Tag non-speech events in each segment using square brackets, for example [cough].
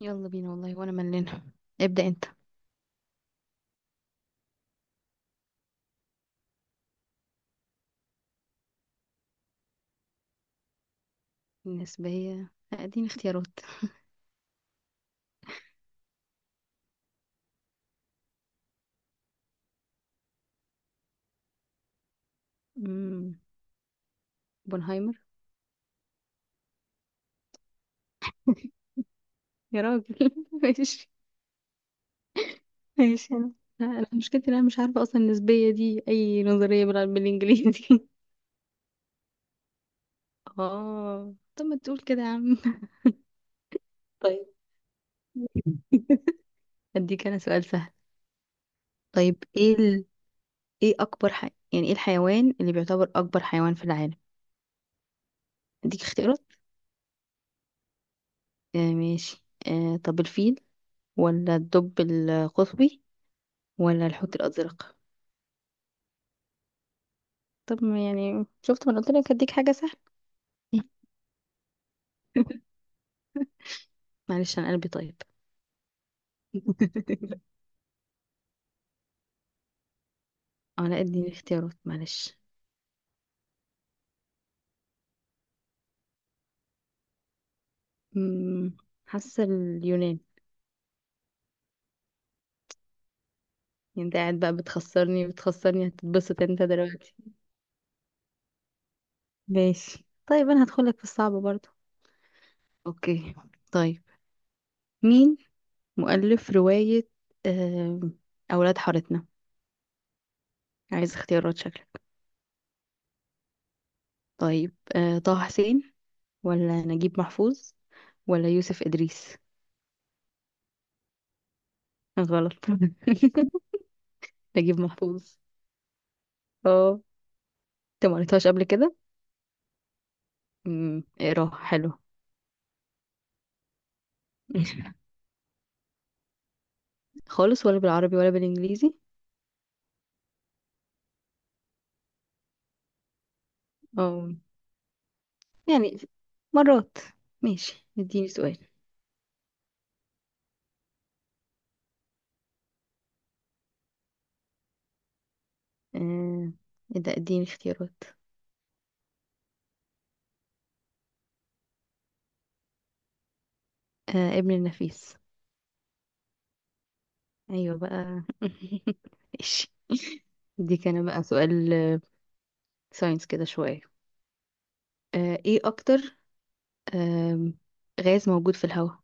يلا بينا والله وانا ملانة. ابدأ انت. النسبية اديني اختيارات. امم بونهايمر. يا راجل [laughs] ماشي. ماشي انا مشكلتي إن انا مش عارفة اصلا النسبية دي اي نظرية بالانجليزي [laughs] اه طب ما تقول كده يا عم. طيب اديك انا سؤال سهل. طيب ايه ال... ايه اكبر ح... يعني ايه الحيوان اللي بيعتبر اكبر حيوان في العالم؟ اديك اختيارات. آه ماشي، آه طب الفيل، ولا الدب القطبي، ولا الحوت الازرق. طب ما يعني شفت، ما أنا قلت لك هديك حاجة سهلة. [laughs] معلش انا قلبي طيب. [laughs] اه لا اديني اختيارات معلش. أمم، حاسة اليونان. يعني انت قاعد بقى بتخسرني بتخسرني، هتتبسط انت دلوقتي. ماشي طيب انا هدخلك في الصعب برضو. اوكي. طيب مين مؤلف رواية آم، اولاد حارتنا؟ عايز اختيارات شكلك. طيب طه حسين، ولا نجيب محفوظ، ولا يوسف ادريس. غلط [laughs] نجيب محفوظ. اه انت ما قريتهاش قبل كده؟ اقراها حلو. [laughs] خالص، ولا بالعربي ولا بالانجليزي؟ اه يعني مرات. ماشي اديني سؤال. آه، ايه ده، اديني اختيارات. ابن النفيس. ايوه بقى [laughs] ماشي. دي كان بقى سؤال ساينس كده شوية. ايه اكتر آم، غاز موجود في الهواء؟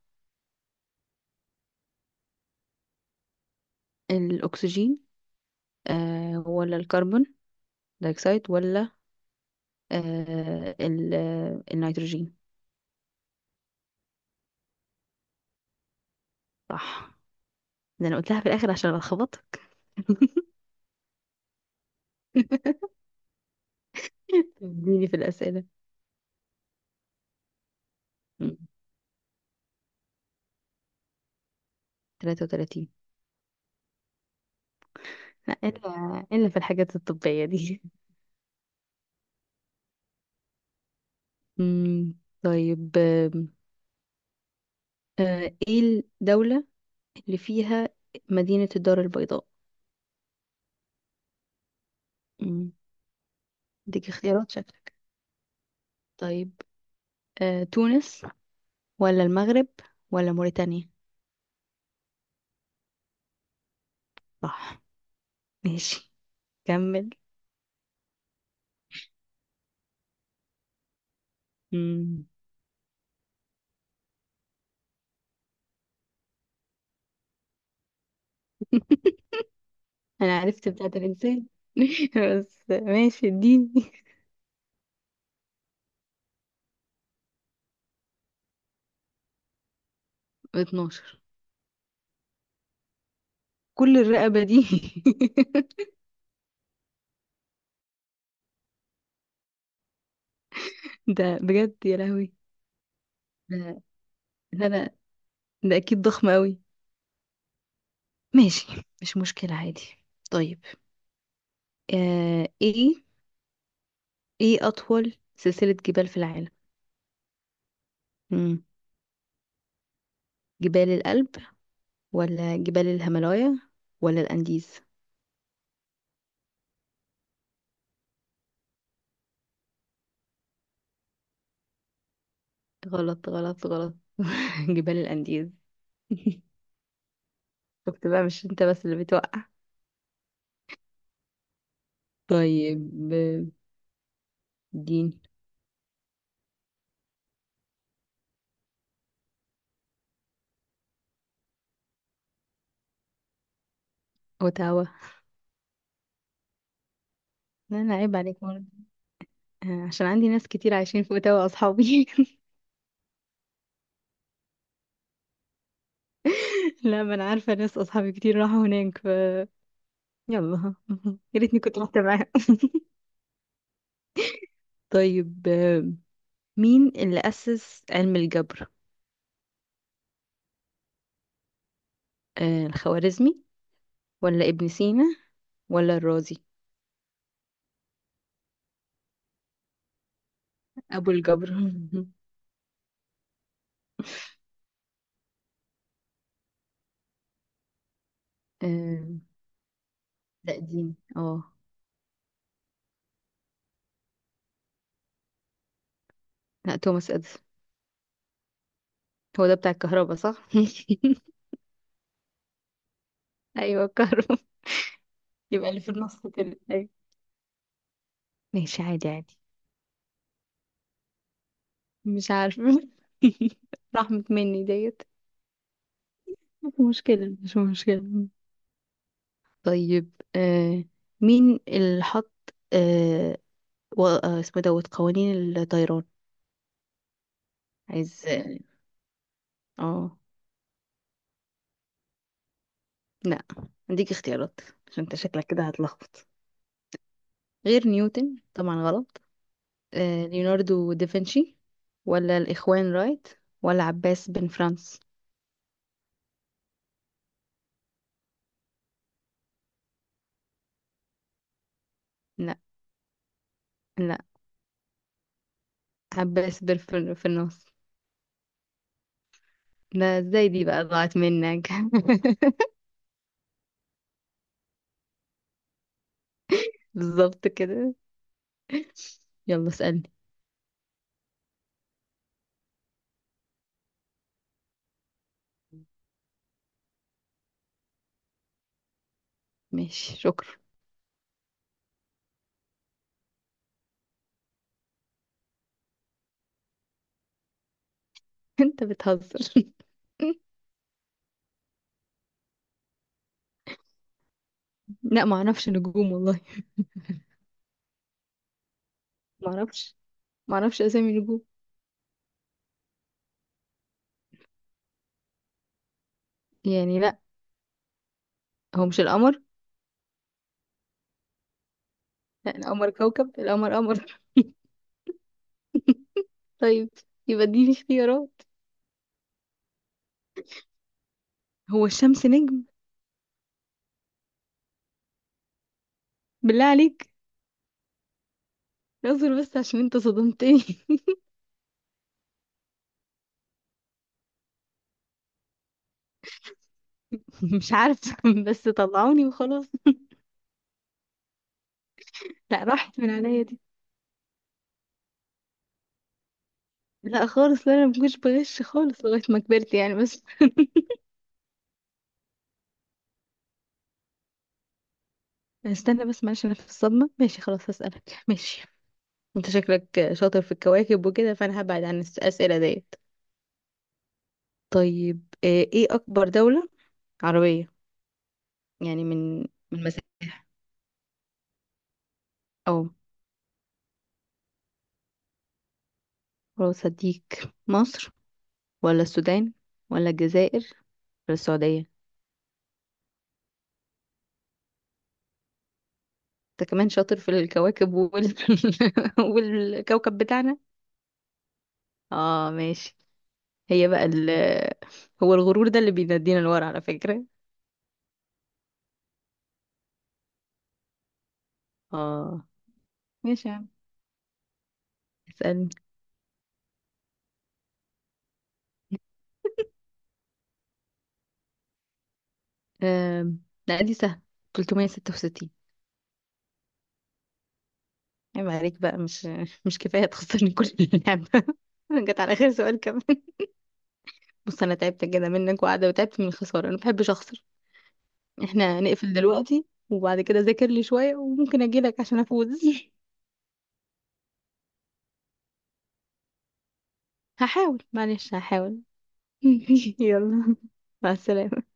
الاكسجين، ولا الكربون دايوكسيد، ولا النيتروجين. صح. ده انا قلتها في الاخر عشان الخبطك. [laughs] تديني في الاسئله. مم. 33. لا الا في الحاجات الطبيه دي. [laughs] مم. طيب، آم، آه، ايه الدوله اللي فيها مدينه الدار البيضاء؟ مم. اديك اختيارات شكلك. طيب تونس، ولا المغرب، ولا موريتانيا. صح. ماشي كمل. مم. [laughs] انا عرفت بتاعت الانسان. [laughs] بس ماشي اديني. [laughs] 12. كل الرقبة دي؟ [laughs] ده بجد يا لهوي. ده ده انا ده اكيد ضخم قوي. ماشي مش مشكلة عادي. طيب آه، ايه، ايه اطول سلسلة جبال في العالم؟ مم. جبال الألب، ولا جبال الهيمالايا، ولا الأنديز. غلط غلط غلط [laughs] جبال الأنديز. [laughs] شفت بقى مش انت بس اللي بتوقع. طيب دين. اوتاوا. لا انا عيب عليك برضه. آه، عشان عندي ناس كتير عايشين في اوتاوا اصحابي [laughs] لا ما انا عارفه ناس اصحابي كتير راحوا هناك، ف يلا [laughs] يا ريتني كنت رحت معاهم [laughs] طيب مين اللي اسس علم الجبر؟ الخوارزمي، ولا ابن سينا، ولا الرازي. ابو الجبر. [laughs] آه، لا دين اه. لا توماس اديسون. هو ده بتاع الكهرباء صح؟ [laughs] ايوه الكهرباء. يبقى اللي في النص كده ايوه. ماشي عادي عادي. مش عارفه [laughs] رحمة مني ديت. مش مشكلة مش مشكلة. طيب آه، مين اللي حط آه اسمه دوت قوانين الطيران؟ عايز اه. لا اديك اختيارات عشان انت شكلك كده هتلخبط. غير نيوتن طبعا غلط. آه ليوناردو دافنشي، ولا الاخوان رايت، ولا عباس بن فرانس. لا لا، عباس فرناس. لا ازاي دي بقى ضاعت منك [laughs] بالظبط كده. يلا اسألني. ماشي شكرا. [laughs] انت بتهزر. [laughs] لا ما اعرفش نجوم والله. ما اعرفش، ما اعرفش اسامي نجوم يعني. لا، هو مش القمر؟ لا القمر كوكب، القمر قمر. [laughs] طيب، يبقى اديني اختيارات. هو الشمس نجم؟ بالله عليك. اصبر بس عشان انت صدمتني. [laughs] مش عارفه، بس طلعوني وخلاص. لا راحت من عليا دي. لا خالص، لا انا مكنتش بغش خالص لغايه ما كبرت يعني بس. استنى بس معلش انا في الصدمه. ماشي خلاص هسألك. ماشي، انت شكلك شاطر في الكواكب وكده، فانا هبعد عن الاسئله دي. طيب ايه اكبر دولة عربية، يعني من، من مساحة او، خلاص هديك. مصر، ولا السودان، ولا الجزائر، ولا السعودية. انت كمان شاطر في الكواكب وال... [laughs] والكوكب بتاعنا. اه ماشي. هي بقى ال... هو الغرور ده اللي بينادينا لورا على فكرة. اه. ماشي يا عم اسألني. آم، لا دي سهلة. 366. عيب عليك بقى، مش مش كفاية تخسرني كل اللعبة [laughs] جت على آخر سؤال كمان. بص انا تعبت كده منك وقاعده، وتعبت من الخساره، انا بحبش اخسر. احنا نقفل دلوقتي، وبعد كده ذاكر لي شويه وممكن اجيلك عشان افوز. [laughs] هحاول معلش هحاول. [laughs] يلا مع السلامه.